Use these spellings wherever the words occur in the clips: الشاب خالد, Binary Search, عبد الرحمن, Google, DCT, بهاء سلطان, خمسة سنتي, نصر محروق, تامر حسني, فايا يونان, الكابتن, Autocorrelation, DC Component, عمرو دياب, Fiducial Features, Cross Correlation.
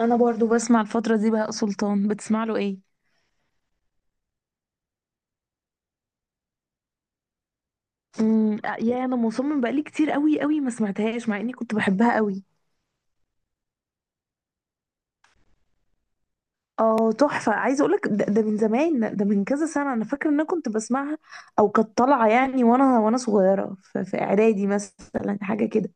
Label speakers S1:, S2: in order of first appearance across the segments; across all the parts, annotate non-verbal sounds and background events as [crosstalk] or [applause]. S1: انا برضو بسمع الفتره دي بهاء سلطان. بتسمع له ايه؟ يا انا مصمم بقالي كتير قوي قوي ما سمعتهاش مع اني كنت بحبها قوي. اه تحفه، عايزه اقولك ده من زمان، ده من كذا سنه. انا فاكره ان انا كنت بسمعها، او كانت طالعه يعني وانا صغيره في اعدادي مثلا، حاجه كده.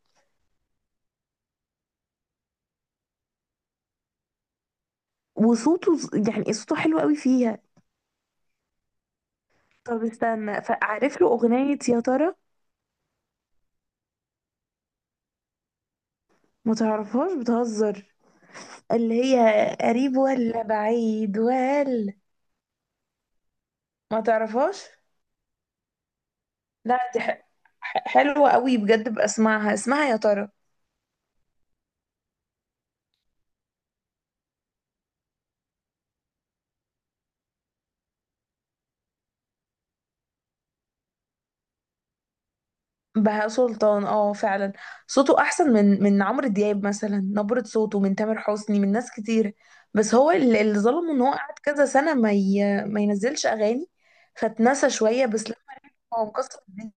S1: وصوته يعني صوته حلو قوي فيها. طب استنى، فعارف له اغنيه يا ترى؟ ما تعرفهاش؟ بتهزر. اللي هي قريب ولا بعيد ولا؟ ما تعرفهاش؟ لا، دي حلوة قوي بجد، بسمعها. اسمها يا ترى؟ بهاء سلطان، اه فعلا. صوته احسن من عمرو دياب مثلا، نبرة صوته، من تامر حسني، من ناس كتير. بس هو اللي ظلمه ان هو قعد كذا سنة ما ينزلش اغاني. فاتنسى شوية، بس لما رجع هو مكسر الدنيا.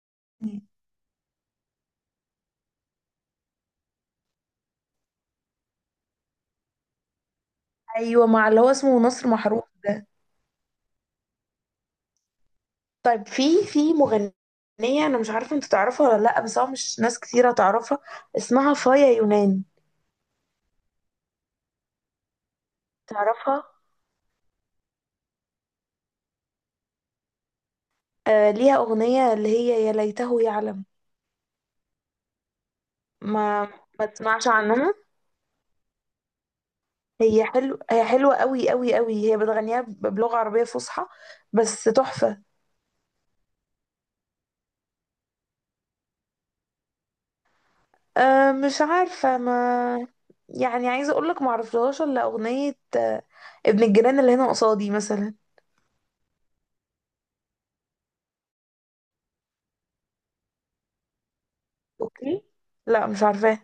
S1: ايوه، مع اللي هو اسمه نصر محروق ده. طيب، في مغنية، انا مش عارفة انت تعرفها ولا لا، بس هو مش ناس كتيرة تعرفها. اسمها فايا يونان. تعرفها؟ آه، ليها أغنية اللي هي يا ليته يعلم. ما ما تسمعش عنها؟ هي حلو، هي حلوة قوي قوي قوي. هي بتغنيها بلغة عربية فصحى، بس تحفة. آه مش عارفة، ما يعني عايزة أقولك معرفلهاش إلا أغنية، ابن الجيران اللي هنا قصادي مثلا. أوكي؟ لا مش عارفاه.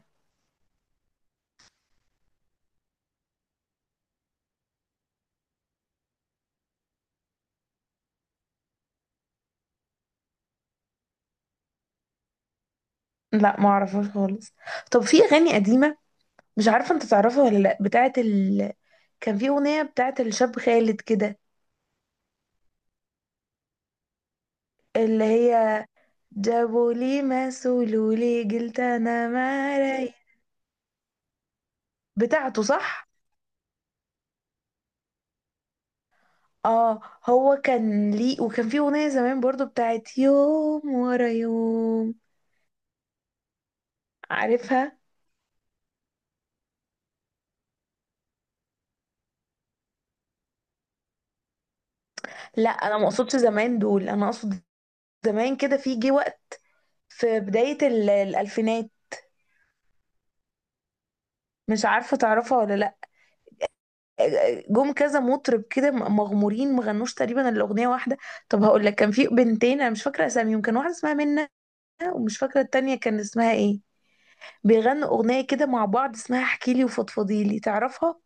S1: لا معرفهاش خالص. طب في أغاني قديمة مش عارفة أنت تعرفها ولا لأ، بتاعت كان في أغنية بتاعت الشاب خالد كده، اللي هي جابوا لي ما سولوا لي قلت انا ما راي. بتاعته، صح؟ اه، هو كان ليه. وكان في اغنيه زمان برضو بتاعت يوم ورا يوم، عارفها؟ لا انا ما اقصدش زمان دول، انا اقصد زمان كده، في جه وقت في بدايه الالفينات، مش عارفه تعرفها ولا لا. جم كذا مطرب كده مغمورين، ما غنوش تقريبا الاغنيه واحده. طب هقول لك، كان في بنتين انا مش فاكره اساميهم، كان واحده اسمها منى ومش فاكره التانية كان اسمها ايه. بيغنوا أغنية كده مع بعض اسمها احكيلي وفضفضيلي، تعرفها؟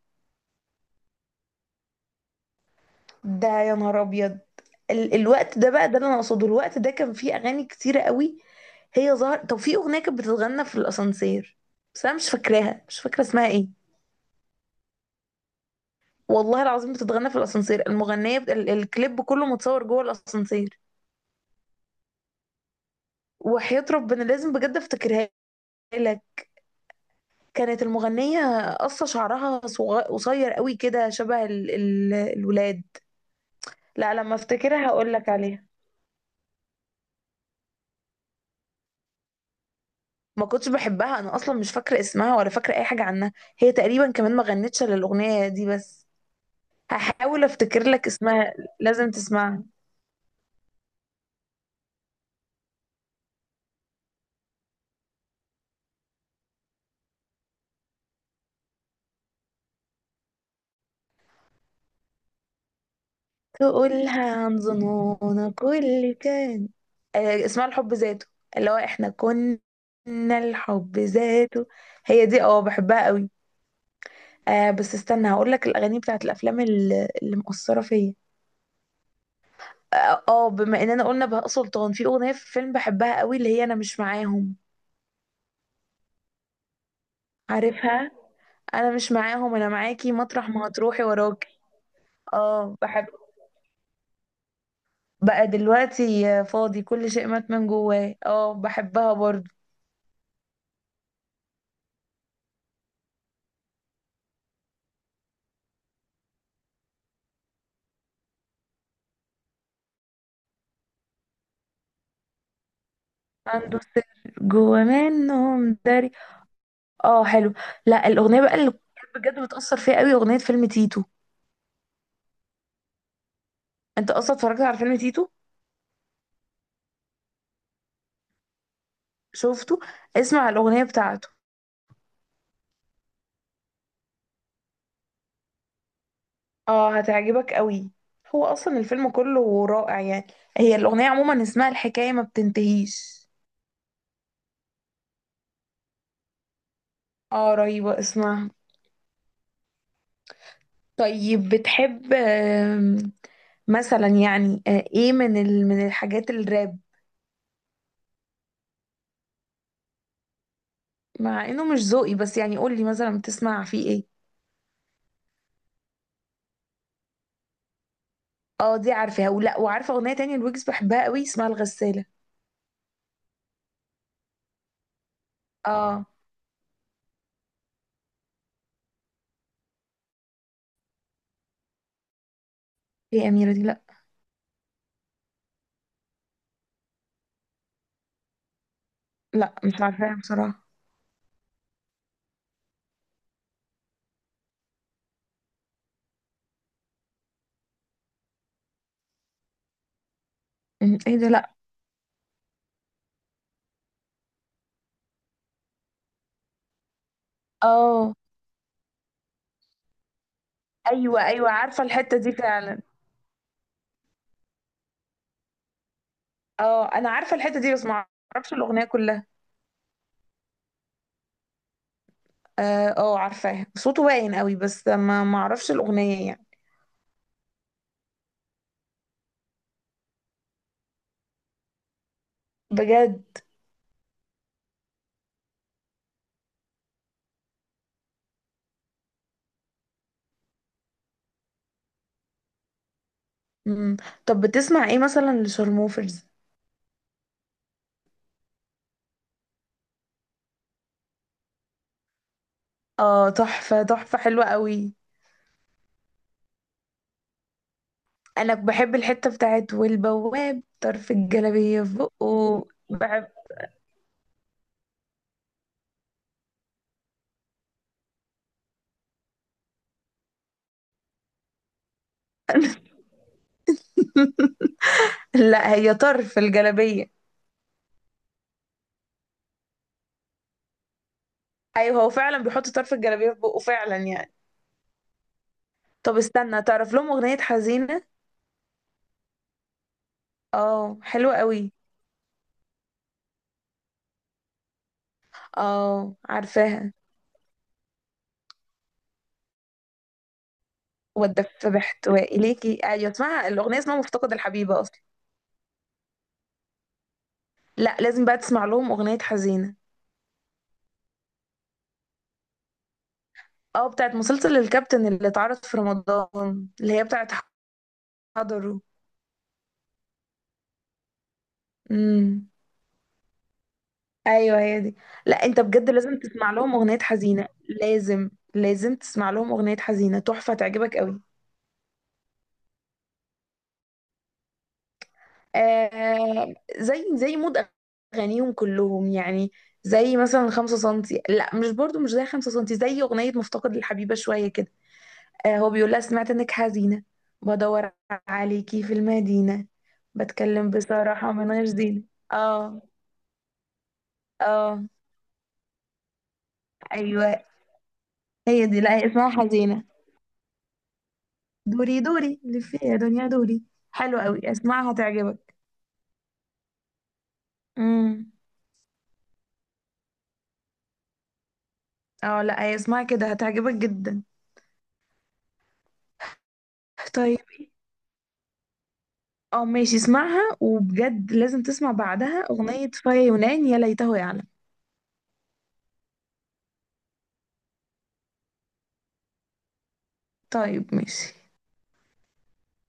S1: ده يا نهار أبيض. الوقت ده بقى ده اللي أنا أقصده. الوقت ده كان فيه أغاني كتيرة قوي، هي ظهر. طب في أغنية كانت بتتغنى في الأسانسير بس أنا مش فاكراها، مش فاكرة اسمها إيه. والله العظيم بتتغنى في الأسانسير، المغنية الكليب كله متصور جوه الأسانسير. وحياة ربنا لازم بجد أفتكرها لك. كانت المغنية قصة شعرها قصير قوي كده، شبه الولاد. لا لما افتكرها هقول لك عليها. ما كنتش بحبها، انا اصلا مش فاكره اسمها ولا فاكره اي حاجه عنها. هي تقريبا كمان ما غنتش الا الاغنيه دي بس. هحاول افتكر لك اسمها. لازم تسمعها. تقولها عن ظنونا كل كان. آه، اسمها الحب ذاته، اللي هو احنا كنا. الحب ذاته، هي دي. اه بحبها قوي. آه، بس استنى هقول لك الاغاني بتاعت الافلام اللي مؤثره فيا. اه بما اننا قلنا بهاء سلطان، في اغنيه في فيلم بحبها قوي اللي هي انا مش معاهم، عارفها؟ انا مش معاهم، انا معاكي مطرح ما هتروحي وراكي. اه بحب. بقى دلوقتي فاضي، كل شيء مات من جواه. اه بحبها برضو. عنده سر جوا منهم داري، اه حلو. لا الاغنيه بقى اللي بجد بتاثر فيها قوي اغنيه فيلم تيتو. انت اصلا اتفرجت على فيلم تيتو؟ شفته؟ اسمع الاغنيه بتاعته، اه هتعجبك قوي. هو اصلا الفيلم كله رائع يعني. هي الاغنيه عموما اسمها الحكايه ما بتنتهيش. اه رهيبه اسمها. طيب بتحب مثلا يعني ايه من من الحاجات الراب؟ مع انه مش ذوقي بس يعني قول لي مثلا بتسمع فيه ايه. اه دي عارفاها. ولا وعارفه اغنيه تانية الويجز بحبها قوي اسمها الغساله. اه. ايه اميره دي؟ لا. لا مش عارفاها بصراحه. ايه ده؟ لا. اه. ايوه ايوه عارفه الحته دي فعلا. اه انا عارفه الحته دي بس ما اعرفش الاغنيه كلها. اه عارفاها. صوته باين قوي بس ما اعرفش الاغنيه يعني. بجد؟ مم. طب بتسمع ايه مثلا لشارموفرز؟ اه تحفة تحفة، حلوة قوي. انا بحب الحتة بتاعت والبواب طرف الجلابية في بقه. بحب. [laughs] لا هي طرف الجلابية. ايوه هو فعلا بيحط طرف الجلابية في بقه فعلا يعني. طب استنى، تعرف لهم اغنية حزينة؟ اه حلوة قوي. اه عارفاها. والدف باحتواء اليكي، ايوه اسمها الاغنية اسمها مفتقد الحبيبة اصلا. لا لازم بقى تسمع لهم اغنية حزينة. اه بتاعت مسلسل الكابتن اللي اتعرض في رمضان، اللي هي بتاعت حضره. امم. ايوه هي دي. لا انت بجد لازم تسمع لهم اغنية حزينة، لازم لازم تسمع لهم اغنية حزينة، تحفة تعجبك قوي. آه زي مود اغانيهم كلهم يعني. زي مثلا 5 سنتي، لا مش برضو، مش زي 5 سنتي، زي اغنية مفتقد للحبيبة شوية كده. آه هو بيقول لها سمعت انك حزينة، بدور عليكي في المدينة، بتكلم بصراحة من غير زينة. اه. اه ايوه هي دي. لا هي اسمها حزينة. دوري دوري لفي يا دنيا دوري. حلو قوي، اسمعها هتعجبك. امم. اه لا هي اسمها كده، هتعجبك جدا. طيب. اه ماشي اسمعها. وبجد لازم تسمع بعدها اغنية فيا يونان يا ليته يعلم. طيب ماشي.